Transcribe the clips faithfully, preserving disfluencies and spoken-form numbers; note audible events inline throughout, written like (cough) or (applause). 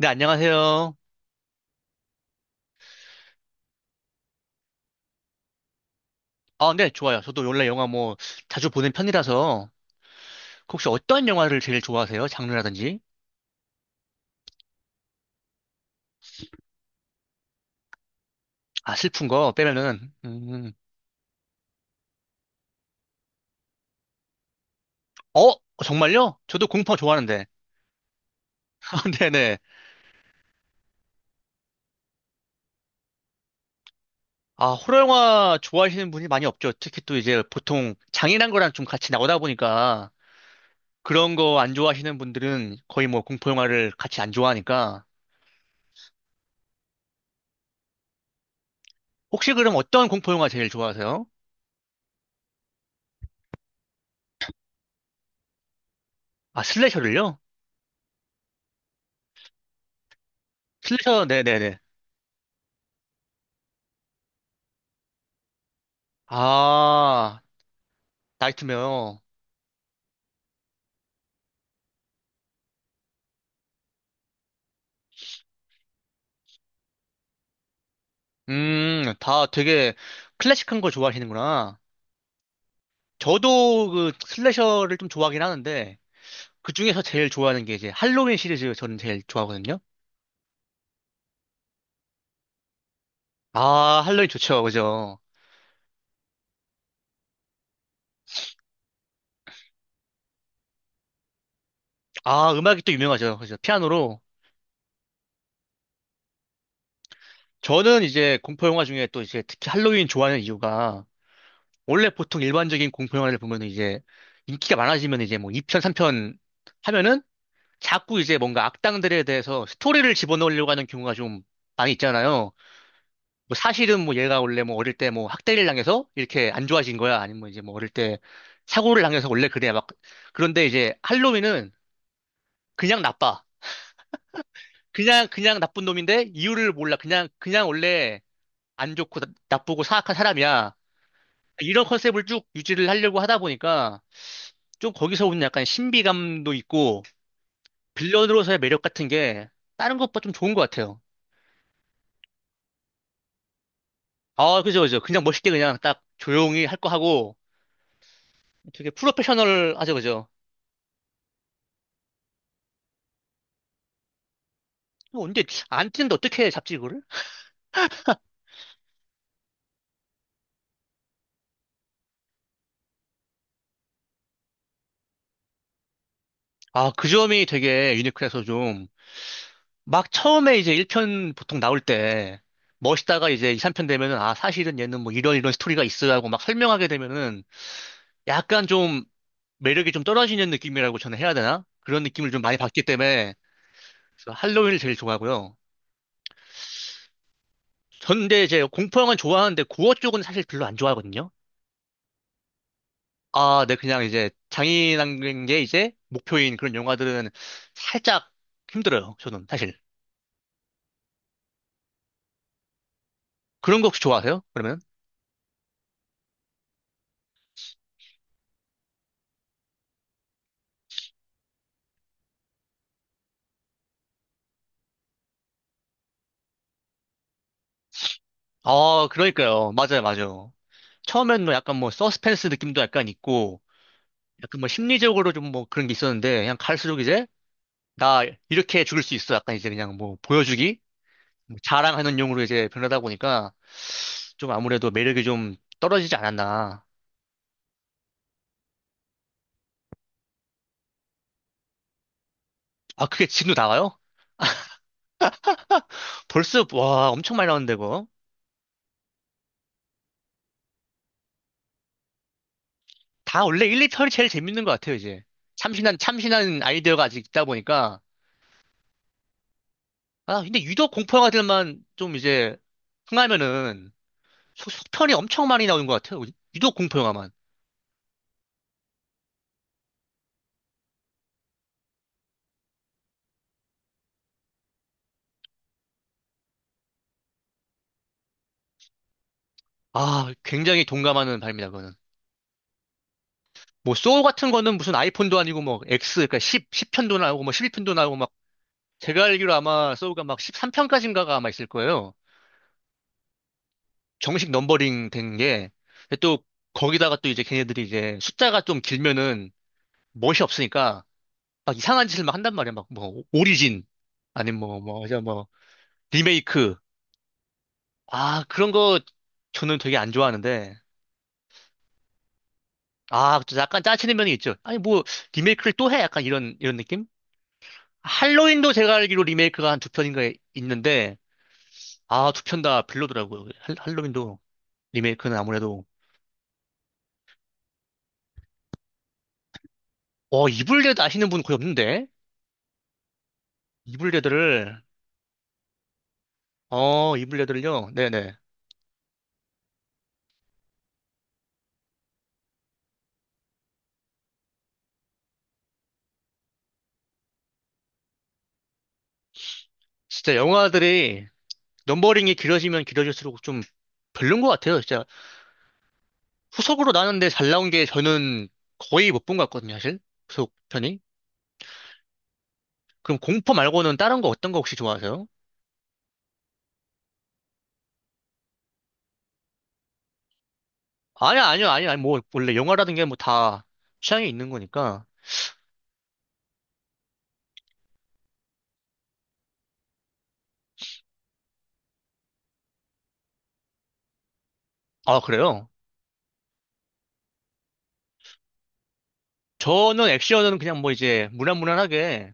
네, 안녕하세요. 아, 네, 좋아요. 저도 원래 영화 뭐 자주 보는 편이라서 혹시 어떤 영화를 제일 좋아하세요? 장르라든지? 아, 슬픈 거 빼면은 음. 어, 어, 정말요? 저도 공포 좋아하는데. (laughs) 아, 네네. 아, 호러 영화 좋아하시는 분이 많이 없죠. 특히 또 이제 보통 장인한 거랑 좀 같이 나오다 보니까 그런 거 안 좋아하시는 분들은 거의 뭐 공포 영화를 같이 안 좋아하니까 혹시 그럼 어떤 공포 영화 제일 좋아하세요? 아, 슬래셔를요? 슬래셔, 네네네. 아, 나이트메어. 음, 다 되게 클래식한 걸 좋아하시는구나. 저도 그 슬래셔를 좀 좋아하긴 하는데, 그 중에서 제일 좋아하는 게 이제 할로윈 시리즈 저는 제일 좋아하거든요. 아, 할로윈 좋죠. 그죠? 아, 음악이 또 유명하죠. 그죠? 피아노로. 저는 이제 공포영화 중에 또 이제 특히 할로윈 좋아하는 이유가, 원래 보통 일반적인 공포영화를 보면 이제 인기가 많아지면 이제 뭐 이 편, 삼 편 하면은 자꾸 이제 뭔가 악당들에 대해서 스토리를 집어넣으려고 하는 경우가 좀 많이 있잖아요. 뭐 사실은 뭐 얘가 원래 뭐 어릴 때 뭐 학대를 당해서 이렇게 안 좋아진 거야. 아니면 뭐 이제 뭐 어릴 때 사고를 당해서 원래 그래. 막 그런데 이제 할로윈은 그냥 나빠. 그냥 그냥 나쁜 놈인데 이유를 몰라. 그냥 그냥 원래 안 좋고 나- 나쁘고 사악한 사람이야. 이런 컨셉을 쭉 유지를 하려고 하다 보니까 좀 거기서 오는 약간 신비감도 있고 빌런으로서의 매력 같은 게 다른 것보다 좀 좋은 것 같아요. 아, 그죠, 그죠. 그냥 멋있게 그냥 딱 조용히 할 거 하고 되게 프로페셔널하죠, 그죠. 어, 근데 안 뛰는데 어떻게 잡지 그걸? 를 아, 그 점이 되게 유니크해서 좀 막 처음에 이제 일 편 보통 나올 때 멋있다가 이제 이, 삼 편 되면은 아, 사실은 얘는 뭐 이런 이런 스토리가 있어야 하고 막 설명하게 되면은 약간 좀 매력이 좀 떨어지는 느낌이라고 저는 해야 되나? 그런 느낌을 좀 많이 받기 때문에 그래서 할로윈을 제일 좋아하고요. 전 근데 이제 공포 영화는 좋아하는데 고어 쪽은 사실 별로 안 좋아하거든요. 아, 네, 그냥 이제 장인한 게 이제 목표인 그런 영화들은 살짝 힘들어요, 저는 사실. 그런 거 혹시 좋아하세요? 그러면? 아, 그러니까요. 맞아요, 맞아요. 처음엔 뭐 약간 뭐 서스펜스 느낌도 약간 있고, 약간 뭐 심리적으로 좀 뭐 그런 게 있었는데, 그냥 갈수록 이제, 나 이렇게 죽을 수 있어. 약간 이제 그냥 뭐 보여주기? 뭐 자랑하는 용으로 이제 변하다 보니까, 좀 아무래도 매력이 좀 떨어지지 않았나. 아, 그게 지금도 나와요? 벌써, 와, 엄청 많이 나오는데, 그거? 다 원래 일, 이 편이 제일 재밌는 것 같아요, 이제. 참신한, 참신한 아이디어가 아직 있다 보니까. 아, 근데 유독 공포 영화들만 좀 이제, 흥하면은, 소- 속편이 엄청 많이 나오는 것 같아요. 유독 공포 영화만. 아, 굉장히 동감하는 바입니다, 그거는. 뭐, 소울 같은 거는 무슨 아이폰도 아니고, 뭐, X, 그러니까 10, 10편도 나오고, 뭐, 십이 편도 나오고, 막, 제가 알기로 아마 소울가 막 십삼 편까지인가가 아마 있을 거예요. 정식 넘버링 된 게. 근데 또, 거기다가 또 이제 걔네들이 이제 숫자가 좀 길면은 멋이 없으니까, 막 이상한 짓을 막 한단 말이야. 막, 뭐, 오리진, 아니면 뭐, 뭐, 저 뭐, 리메이크. 아, 그런 거 저는 되게 안 좋아하는데, 아, 그쵸. 약간 짜치는 면이 있죠. 아니, 뭐, 리메이크를 또 해? 약간 이런, 이런 느낌? 할로윈도 제가 알기로 리메이크가 한 두 편인가 있는데, 아, 두 편 다 별로더라고요. 할, 할로윈도, 리메이크는 아무래도. 어, 이블레드 아시는 분 거의 없는데? 이블레드를, 어, 이블레드를요? 네네. 진짜 영화들이 넘버링이 길어지면 길어질수록 좀 별론 것 같아요. 진짜 후속으로 나는데 잘 나온 게 저는 거의 못 본 것 같거든요, 사실. 후속편이. 그럼 공포 말고는 다른 거 어떤 거 혹시 좋아하세요? 아니야, 아니야, 아니야. 아니, 뭐, 원래 영화라든 게 뭐 다 취향이 있는 거니까. 아, 그래요? 저는 액션은 그냥 뭐 이제 무난무난하게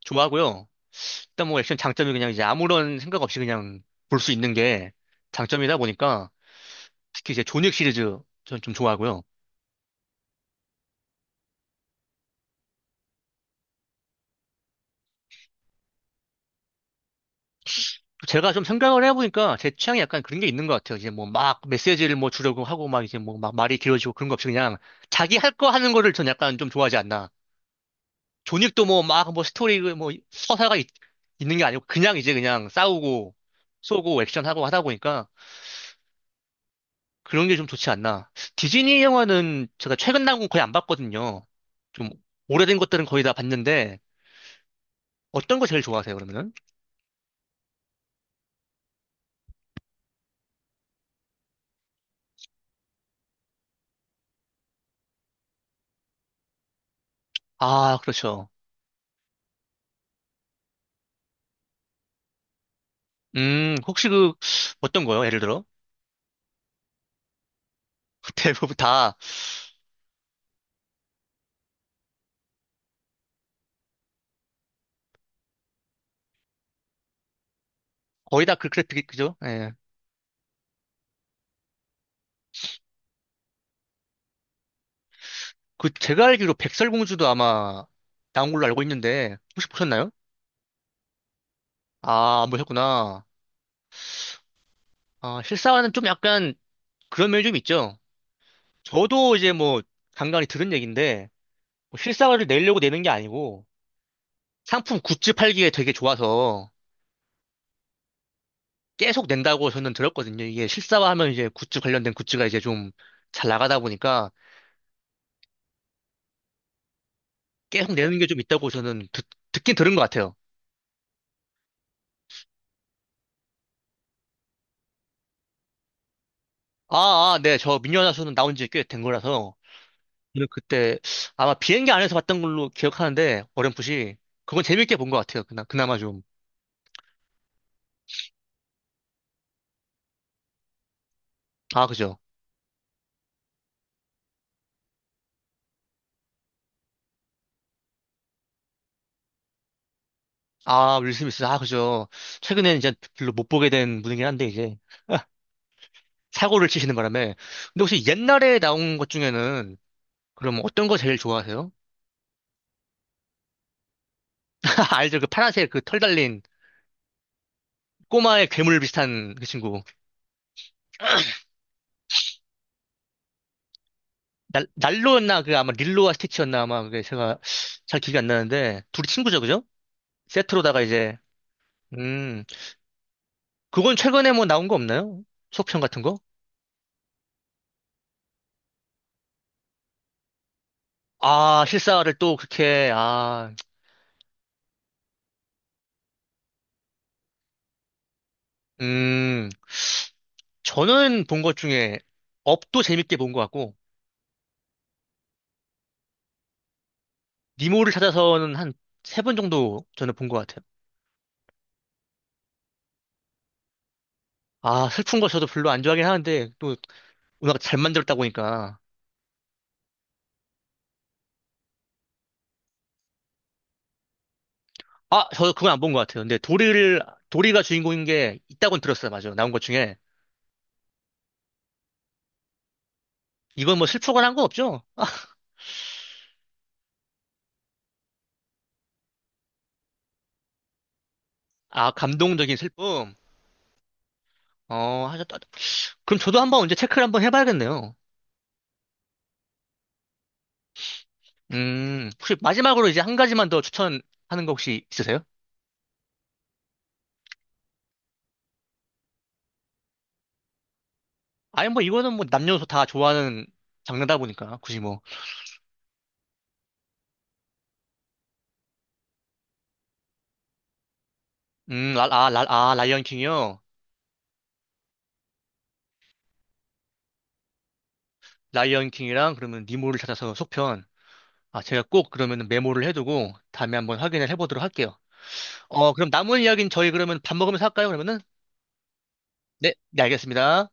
좋아하고요. 일단 뭐 액션 장점이 그냥 이제 아무런 생각 없이 그냥 볼 수 있는 게 장점이다 보니까 특히 이제 존윅 시리즈 저는 좀 좋아하고요. 제가 좀 생각을 해보니까 제 취향이 약간 그런 게 있는 것 같아요. 이제 뭐 막 메시지를 뭐 주려고 하고 막 이제 뭐 막 말이 길어지고 그런 거 없이 그냥 자기 할 거 하는 거를 전 약간 좀 좋아하지 않나. 존윅도 뭐 막 뭐 스토리 그 뭐 서사가 있, 는게 아니고 그냥 이제 그냥 싸우고 쏘고 액션하고 하다 보니까 그런 게 좀 좋지 않나. 디즈니 영화는 제가 최근 나온 건 거의 안 봤거든요. 좀 오래된 것들은 거의 다 봤는데 어떤 거 제일 좋아하세요, 그러면은? 아, 그렇죠. 음, 혹시 그 어떤 거요? 예를 들어? (laughs) 대부분 다 거의 다 그 그래픽이 그죠? 예. 그 제가 알기로 백설공주도 아마 나온 걸로 알고 있는데 혹시 보셨나요? 아, 안 보셨구나. 아, 실사화는 좀 약간 그런 면이 좀 있죠. 저도 이제 뭐 간간히 들은 얘기인데 뭐 실사화를 내려고 내는 게 아니고 상품 굿즈 팔기에 되게 좋아서 계속 낸다고 저는 들었거든요. 이게 실사화하면 이제 굿즈 관련된 굿즈가 이제 좀 잘 나가다 보니까 계속 내는 게 좀 있다고 저는 듣, 듣긴 들은 것 같아요. 아, 아, 네, 저 미녀나서는 나온 지 꽤 된 거라서 저는 그때 아마 비행기 안에서 봤던 걸로 기억하는데 어렴풋이 그건 재밌게 본 것 같아요. 그나, 그나마 좀. 아, 그죠. 아, 윌 스미스. 아, 그죠. 최근에는 이제 별로 못 보게 된 분이긴 한데, 이제, 사고를 치시는 바람에. 근데 혹시 옛날에 나온 것 중에는, 그럼 어떤 거 제일 좋아하세요? (laughs) 알죠? 그 파란색 그 털 달린 꼬마의 괴물 비슷한 그 친구. 날, 날로였나? 그 아마 릴로와 스티치였나? 아마 그게 제가 잘 기억이 안 나는데, 둘이 친구죠, 그죠? 세트로다가 이제, 음, 그건 최근에 뭐 나온 거 없나요? 속편 같은 거? 아, 실사를 또 그렇게, 아, 음. 저는 본 것 중에 업도 재밌게 본 것 같고 니모를 찾아서는 한 세 번 정도 저는 본 것 같아요. 아 슬픈 거 저도 별로 안 좋아하긴 하는데 또 워낙 잘 만들었다 보니까 아 저 그건 안 본 것 같아요. 근데 도리를 도리가 주인공인 게 있다고는 들었어요. 맞아요. 나온 것 중에 이건 뭐 슬프거나 한 거 없죠? 아 감동적인 슬픔. 어 하셨다. 그럼 저도 한번 언제 체크를 한번 해봐야겠네요. 음 혹시 마지막으로 이제 한 가지만 더 추천하는 거 혹시 있으세요? 아니 뭐 이거는 뭐 남녀노소 다 좋아하는 장르다 보니까 굳이 뭐 음, 라, 아, 라, 아, 라이언 킹이요? 라이언 킹이랑 그러면 니모를 찾아서 속편. 아, 제가 꼭 그러면 메모를 해두고 다음에 한번 확인을 해보도록 할게요. 어, 그럼 남은 이야기는 저희 그러면 밥 먹으면서 할까요, 그러면은? 네, 네, 알겠습니다.